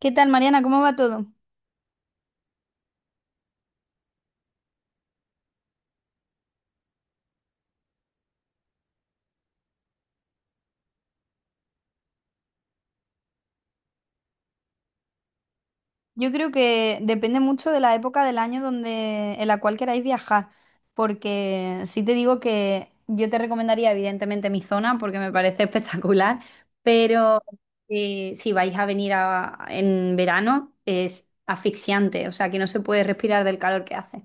¿Qué tal, Mariana? ¿Cómo va todo? Yo creo que depende mucho de la época del año en la cual queráis viajar, porque sí te digo que yo te recomendaría evidentemente mi zona porque me parece espectacular, pero si vais a venir en verano es asfixiante, o sea que no se puede respirar del calor que hace.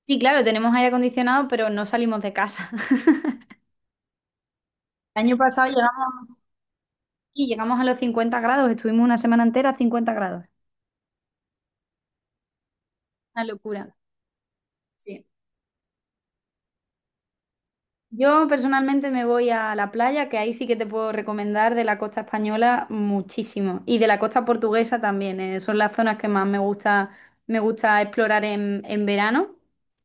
Sí, claro, tenemos aire acondicionado, pero no salimos de casa. El año pasado llegamos a los 50 grados, estuvimos una semana entera a 50 grados. Una locura. Sí. Yo personalmente me voy a la playa, que ahí sí que te puedo recomendar de la costa española muchísimo y de la costa portuguesa también. Son las zonas que más me gusta explorar en verano.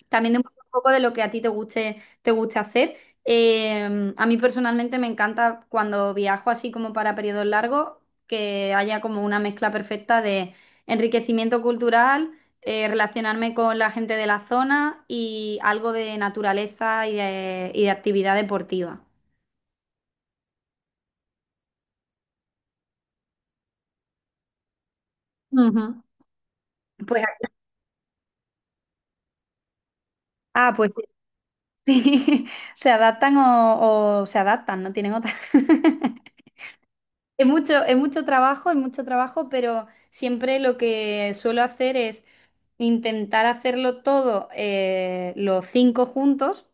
También depende un poco de lo que a ti te guste, hacer. A mí personalmente me encanta cuando viajo así como para periodos largos, que haya como una mezcla perfecta de enriquecimiento cultural, relacionarme con la gente de la zona y algo de naturaleza y de actividad deportiva. Ujú. Pues, pues sí, se adaptan o se adaptan, no tienen otra. Es mucho trabajo, pero siempre lo que suelo hacer es intentar hacerlo todo, los cinco juntos,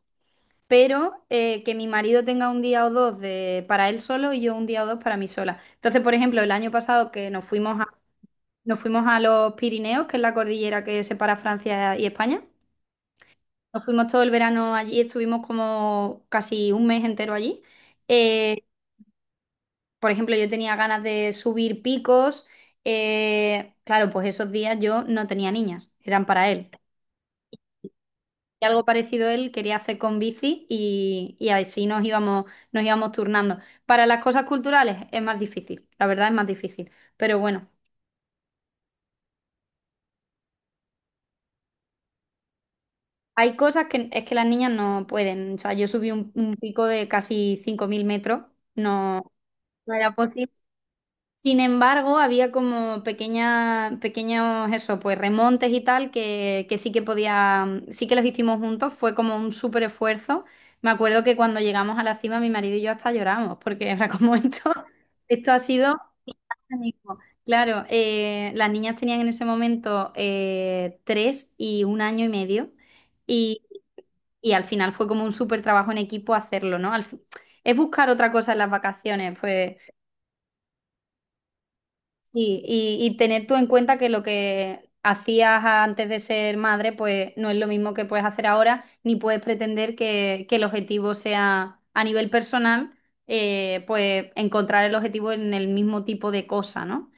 pero que mi marido tenga un día o dos de, para él solo y yo un día o dos para mí sola. Entonces, por ejemplo, el año pasado que nos fuimos a los Pirineos, que es la cordillera que separa Francia y España, nos fuimos todo el verano allí, estuvimos como casi un mes entero allí. Eh, por ejemplo, yo tenía ganas de subir picos. Claro, pues esos días yo no tenía niñas, eran para él. Y algo parecido él quería hacer con bici, y así nos íbamos turnando. Para las cosas culturales es más difícil, la verdad es más difícil. Pero bueno, hay cosas que es que las niñas no pueden. O sea, yo subí un pico de casi 5.000 metros, no, no era posible. Sin embargo, había como pequeños, eso, pues remontes y tal, que sí que podía, sí que los hicimos juntos, fue como un súper esfuerzo. Me acuerdo que cuando llegamos a la cima, mi marido y yo hasta lloramos, porque era como esto, esto ha sido magnífico. Claro, las niñas tenían en ese momento, tres y un año y medio, y, y al final fue como un súper trabajo en equipo hacerlo, ¿no? Es buscar otra cosa en las vacaciones, pues. Sí, y tener tú en cuenta que lo que hacías antes de ser madre, pues no es lo mismo que puedes hacer ahora, ni puedes pretender que el objetivo sea a nivel personal, pues encontrar el objetivo en el mismo tipo de cosa, ¿no?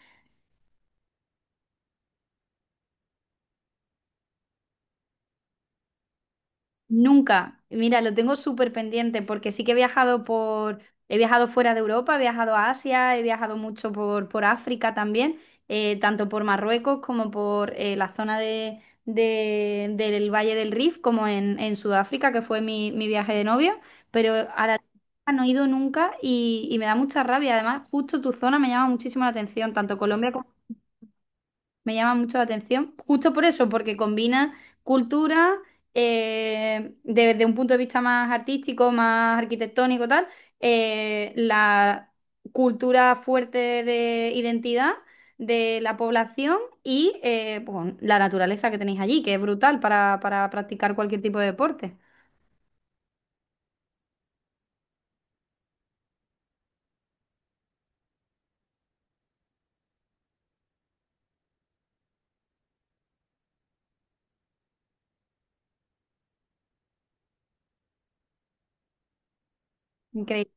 Nunca. Mira, lo tengo súper pendiente porque sí que he viajado por, he viajado fuera de Europa, he viajado a Asia, he viajado mucho por África también, tanto por Marruecos como por, la zona de, del Valle del Rif, como en Sudáfrica, que fue mi viaje de novio, pero a la Tierra no he ido nunca, y me da mucha rabia. Además, justo tu zona me llama muchísimo la atención, tanto Colombia como me llama mucho la atención, justo por eso, porque combina cultura, desde un punto de vista más artístico, más arquitectónico, tal, la cultura fuerte de identidad de la población y, pues, la naturaleza que tenéis allí, que es brutal para practicar cualquier tipo de deporte. Increíble.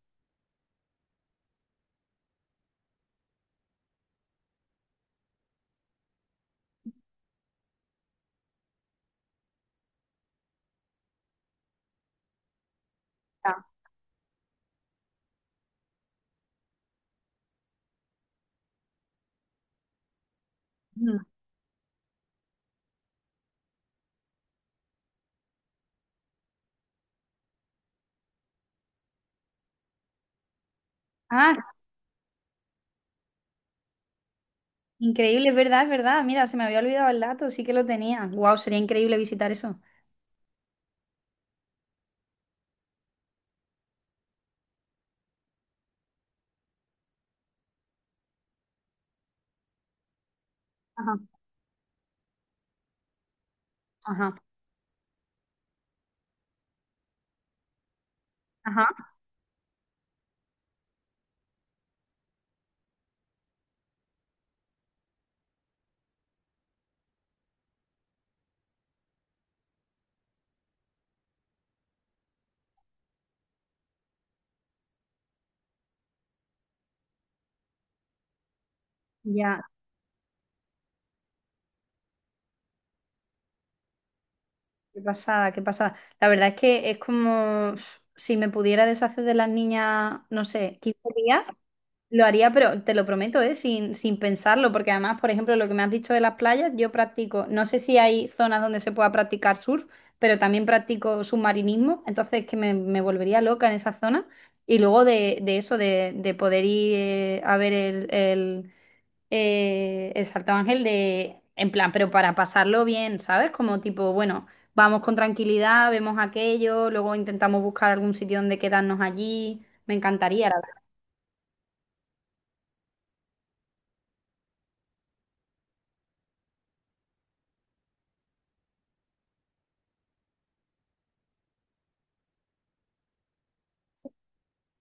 Mm. Ah, es increíble, es verdad, es verdad. Mira, se me había olvidado el dato, sí que lo tenía. Wow, sería increíble visitar eso. Ajá, ajá, ajá. Ya. Qué pasada, qué pasada. La verdad es que es como uf, si me pudiera deshacer de las niñas, no sé, 15 días, lo haría, pero te lo prometo, ¿eh? Sin pensarlo, porque además, por ejemplo, lo que me has dicho de las playas, yo practico, no sé si hay zonas donde se pueda practicar surf, pero también practico submarinismo, entonces que me volvería loca en esa zona. Y luego de, de poder ir, a ver el, exacto, Ángel, en plan, pero para pasarlo bien, ¿sabes? Como tipo, bueno, vamos con tranquilidad, vemos aquello, luego intentamos buscar algún sitio donde quedarnos allí. Me encantaría, la verdad.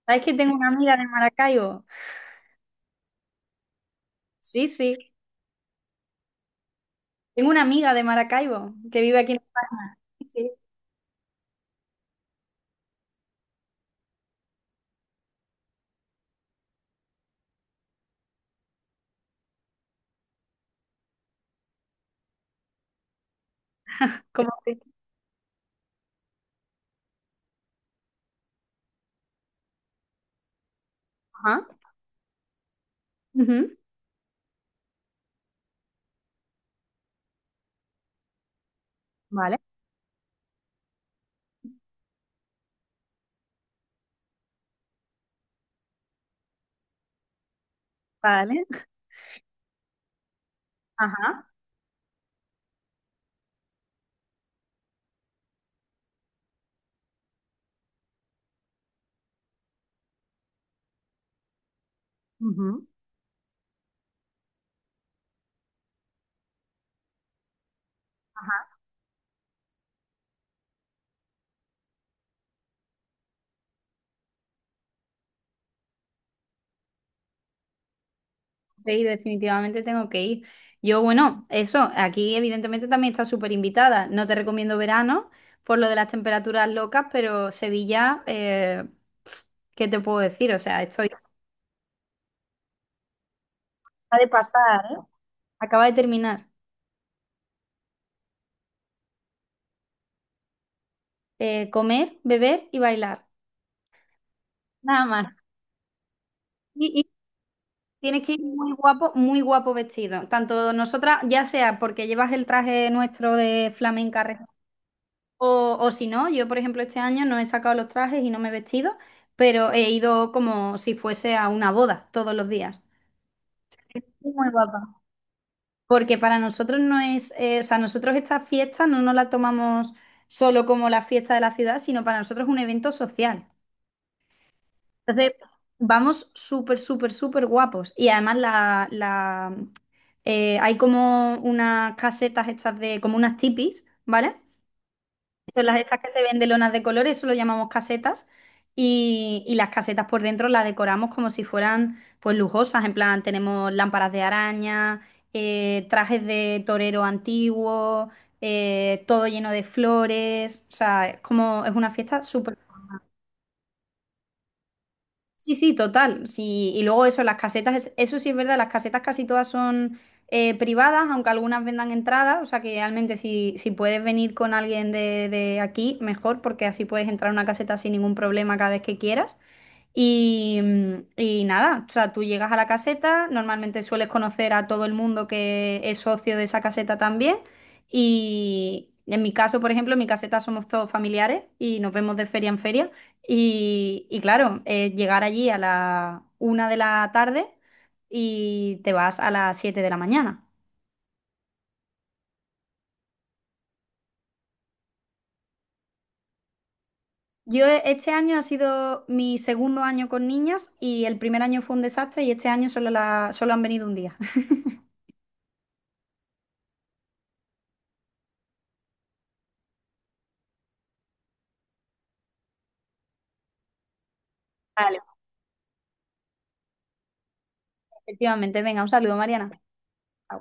¿Sabes que tengo una amiga de Maracaibo? Sí, sí. Tengo una amiga de Maracaibo que vive aquí en España. Sí, sí. Como que- Ajá. Ujú, vale, vale. Ajá. Ujú. Sí, definitivamente tengo que ir. Yo, bueno, eso, aquí evidentemente también está súper invitada. No te recomiendo verano por lo de las temperaturas locas, pero Sevilla, ¿qué te puedo decir? O sea, estoy. Acaba de pasar, ¿eh? Acaba de terminar. Comer, beber y bailar. Nada más. Y tienes que ir muy guapo vestido. Tanto nosotras, ya sea porque llevas el traje nuestro de flamenca, o si no, yo por ejemplo este año no he sacado los trajes y no me he vestido, pero he ido como si fuese a una boda todos los días. Muy guapa. Porque para nosotros no es, o sea, nosotros esta fiesta no nos la tomamos solo como la fiesta de la ciudad, sino para nosotros es un evento social. Entonces, vamos súper, súper, súper guapos. Y además hay como unas casetas estas de, como unas tipis, ¿vale? Son las estas que se ven de lonas de colores, eso lo llamamos casetas. Y las casetas por dentro las decoramos como si fueran pues lujosas. En plan, tenemos lámparas de araña, trajes de torero antiguo, todo lleno de flores. O sea, es como es una fiesta. Sí, sí, total. Sí, y luego eso, las casetas, eso sí es verdad, las casetas casi todas son, privadas, aunque algunas vendan entradas, o sea que realmente si puedes venir con alguien de aquí, mejor, porque así puedes entrar a una caseta sin ningún problema cada vez que quieras. Y nada, o sea, tú llegas a la caseta, normalmente sueles conocer a todo el mundo que es socio de esa caseta también. Y en mi caso, por ejemplo, en mi caseta somos todos familiares y nos vemos de feria en feria. Y claro, llegar allí a la 1 de la tarde y te vas a las 7 de la mañana. Este año ha sido mi segundo año con niñas y el primer año fue un desastre y este año solo han venido un día. Vale. Efectivamente, venga, un saludo, Mariana. Chao.